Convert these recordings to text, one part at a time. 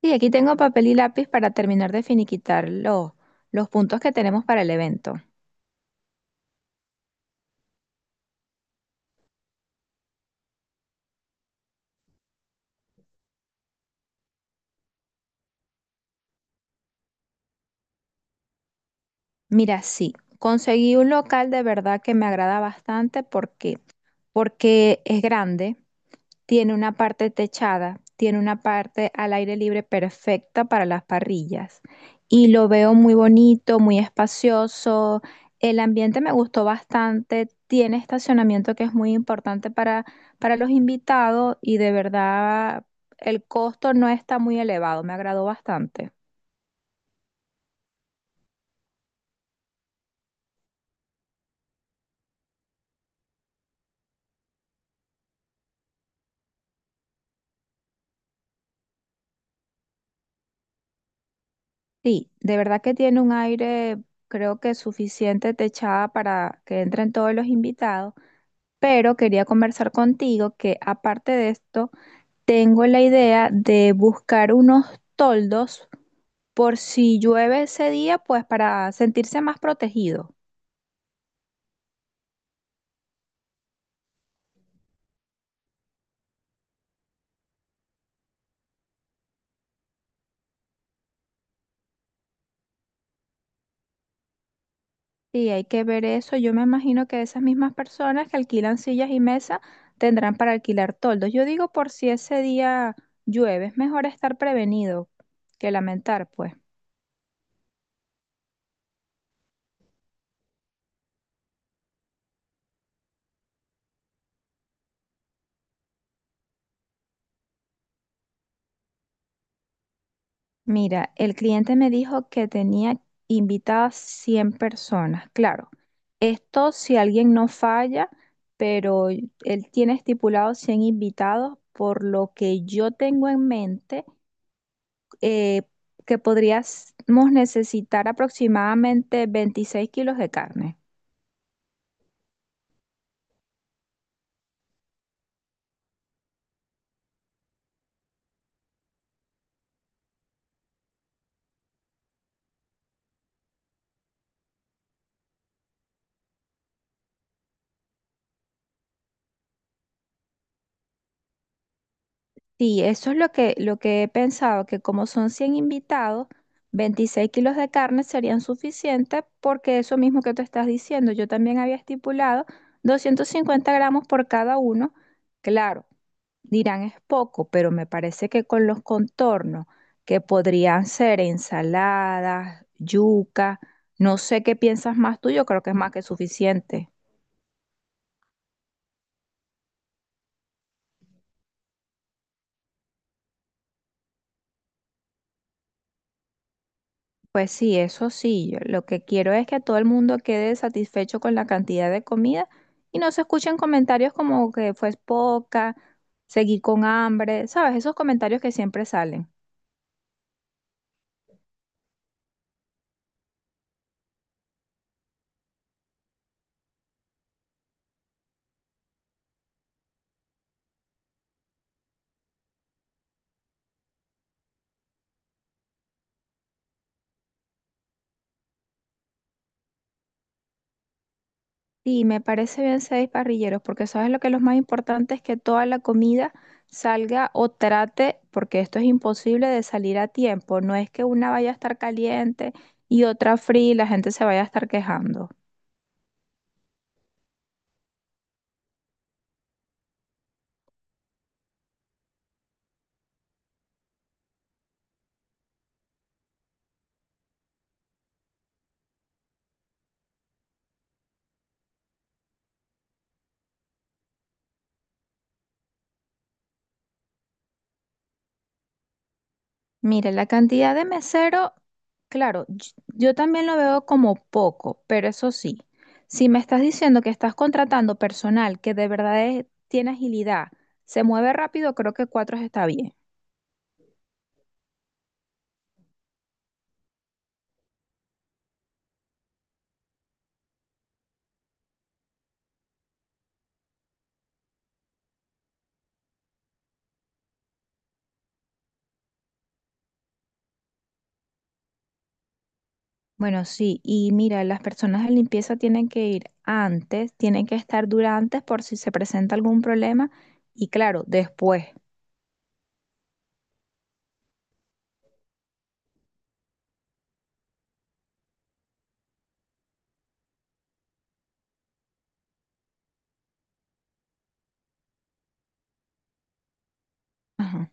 Sí, aquí tengo papel y lápiz para terminar de finiquitar los puntos que tenemos para el evento. Mira, sí, conseguí un local de verdad que me agrada bastante porque es grande, tiene una parte techada, tiene una parte al aire libre perfecta para las parrillas y lo veo muy bonito, muy espacioso. El ambiente me gustó bastante, tiene estacionamiento que es muy importante para los invitados y de verdad el costo no está muy elevado, me agradó bastante. Sí, de verdad que tiene un aire, creo que suficiente techada para que entren todos los invitados, pero quería conversar contigo que aparte de esto, tengo la idea de buscar unos toldos por si llueve ese día, pues para sentirse más protegido. Sí, hay que ver eso. Yo me imagino que esas mismas personas que alquilan sillas y mesas tendrán para alquilar toldos. Yo digo por si ese día llueve, es mejor estar prevenido que lamentar, pues. Mira, el cliente me dijo que tenía invitadas 100 personas. Claro, esto si alguien no falla, pero él tiene estipulado 100 invitados, por lo que yo tengo en mente eh, que podríamos necesitar aproximadamente 26 kilos de carne. Sí, eso es lo que he pensado, que como son 100 invitados, 26 kilos de carne serían suficientes porque eso mismo que tú estás diciendo, yo también había estipulado 250 gramos por cada uno. Claro, dirán es poco, pero me parece que con los contornos, que podrían ser ensaladas, yuca, no sé qué piensas más tú, yo creo que es más que suficiente. Pues sí, eso sí, yo lo que quiero es que todo el mundo quede satisfecho con la cantidad de comida y no se escuchen comentarios como que fue poca, seguí con hambre, ¿sabes? Esos comentarios que siempre salen. Sí, me parece bien seis parrilleros, porque sabes lo que lo más importante es que toda la comida salga o trate, porque esto es imposible de salir a tiempo. No es que una vaya a estar caliente y otra fría y la gente se vaya a estar quejando. Mire, la cantidad de mesero, claro, yo también lo veo como poco, pero eso sí, si me estás diciendo que estás contratando personal que de verdad tiene agilidad, se mueve rápido, creo que cuatro está bien. Bueno, sí, y mira, las personas de limpieza tienen que ir antes, tienen que estar durante por si se presenta algún problema y claro, después. Ajá.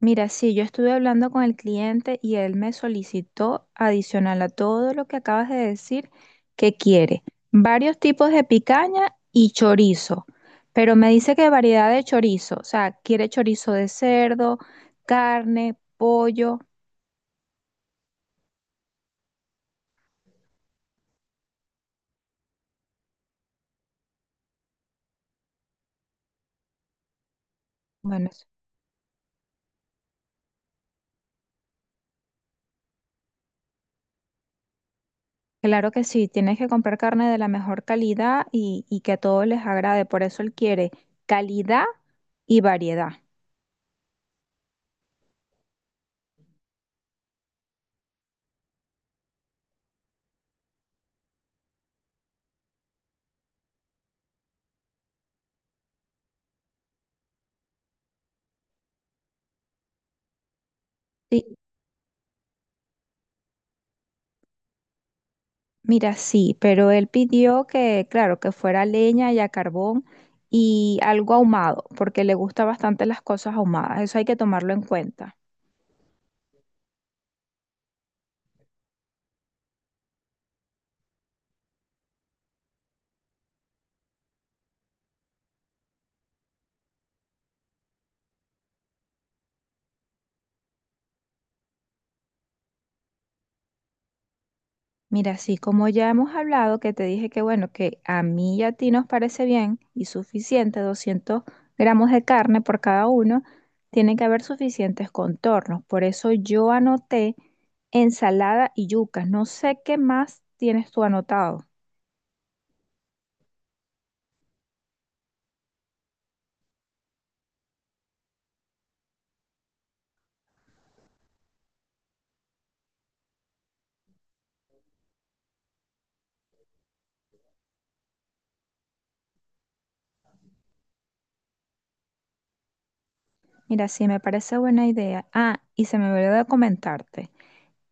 Mira, sí, yo estuve hablando con el cliente y él me solicitó, adicional a todo lo que acabas de decir, que quiere varios tipos de picaña y chorizo, pero me dice que variedad de chorizo, o sea, quiere chorizo de cerdo, carne, pollo. Bueno, claro que sí, tienes que comprar carne de la mejor calidad y que a todos les agrade, por eso él quiere calidad y variedad. Mira, sí, pero él pidió que, claro, que fuera leña y a carbón y algo ahumado, porque le gusta bastante las cosas ahumadas, eso hay que tomarlo en cuenta. Mira, sí, como ya hemos hablado, que te dije que bueno, que a mí y a ti nos parece bien y suficiente, 200 gramos de carne por cada uno, tienen que haber suficientes contornos, por eso yo anoté ensalada y yucas, no sé qué más tienes tú anotado. Mira, sí, me parece buena idea. Ah, y se me olvidó de comentarte.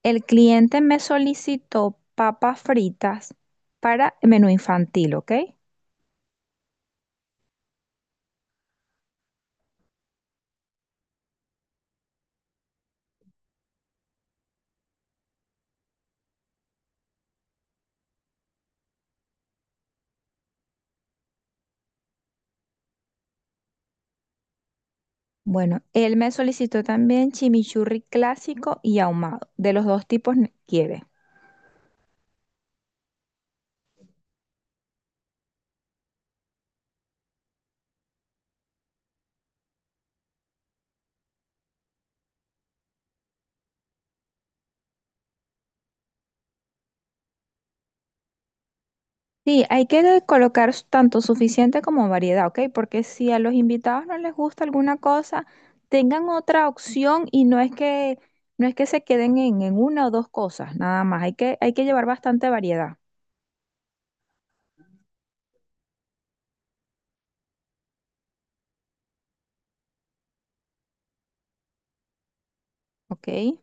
El cliente me solicitó papas fritas para menú infantil, ¿ok? Bueno, él me solicitó también chimichurri clásico y ahumado. De los dos tipos quiere. Sí, hay que colocar tanto suficiente como variedad, ¿ok? Porque si a los invitados no les gusta alguna cosa, tengan otra opción y no es que se queden en una o dos cosas, nada más. Hay que llevar bastante variedad, ¿ok?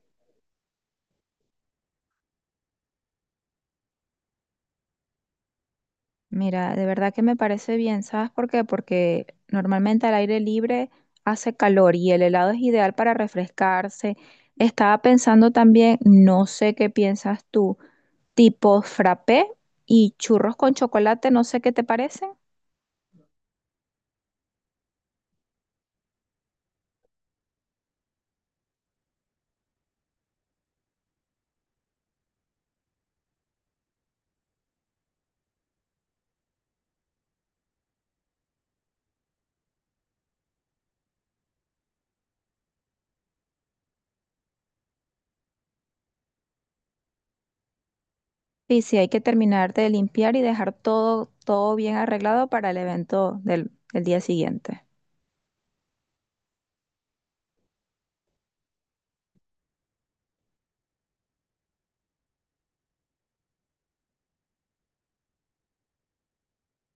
Mira, de verdad que me parece bien, ¿sabes por qué? Porque normalmente al aire libre hace calor y el helado es ideal para refrescarse. Estaba pensando también, no sé qué piensas tú, tipo frappé y churros con chocolate, no sé qué te parecen. Y si hay que terminar de limpiar y dejar todo, todo bien arreglado para el evento del día siguiente.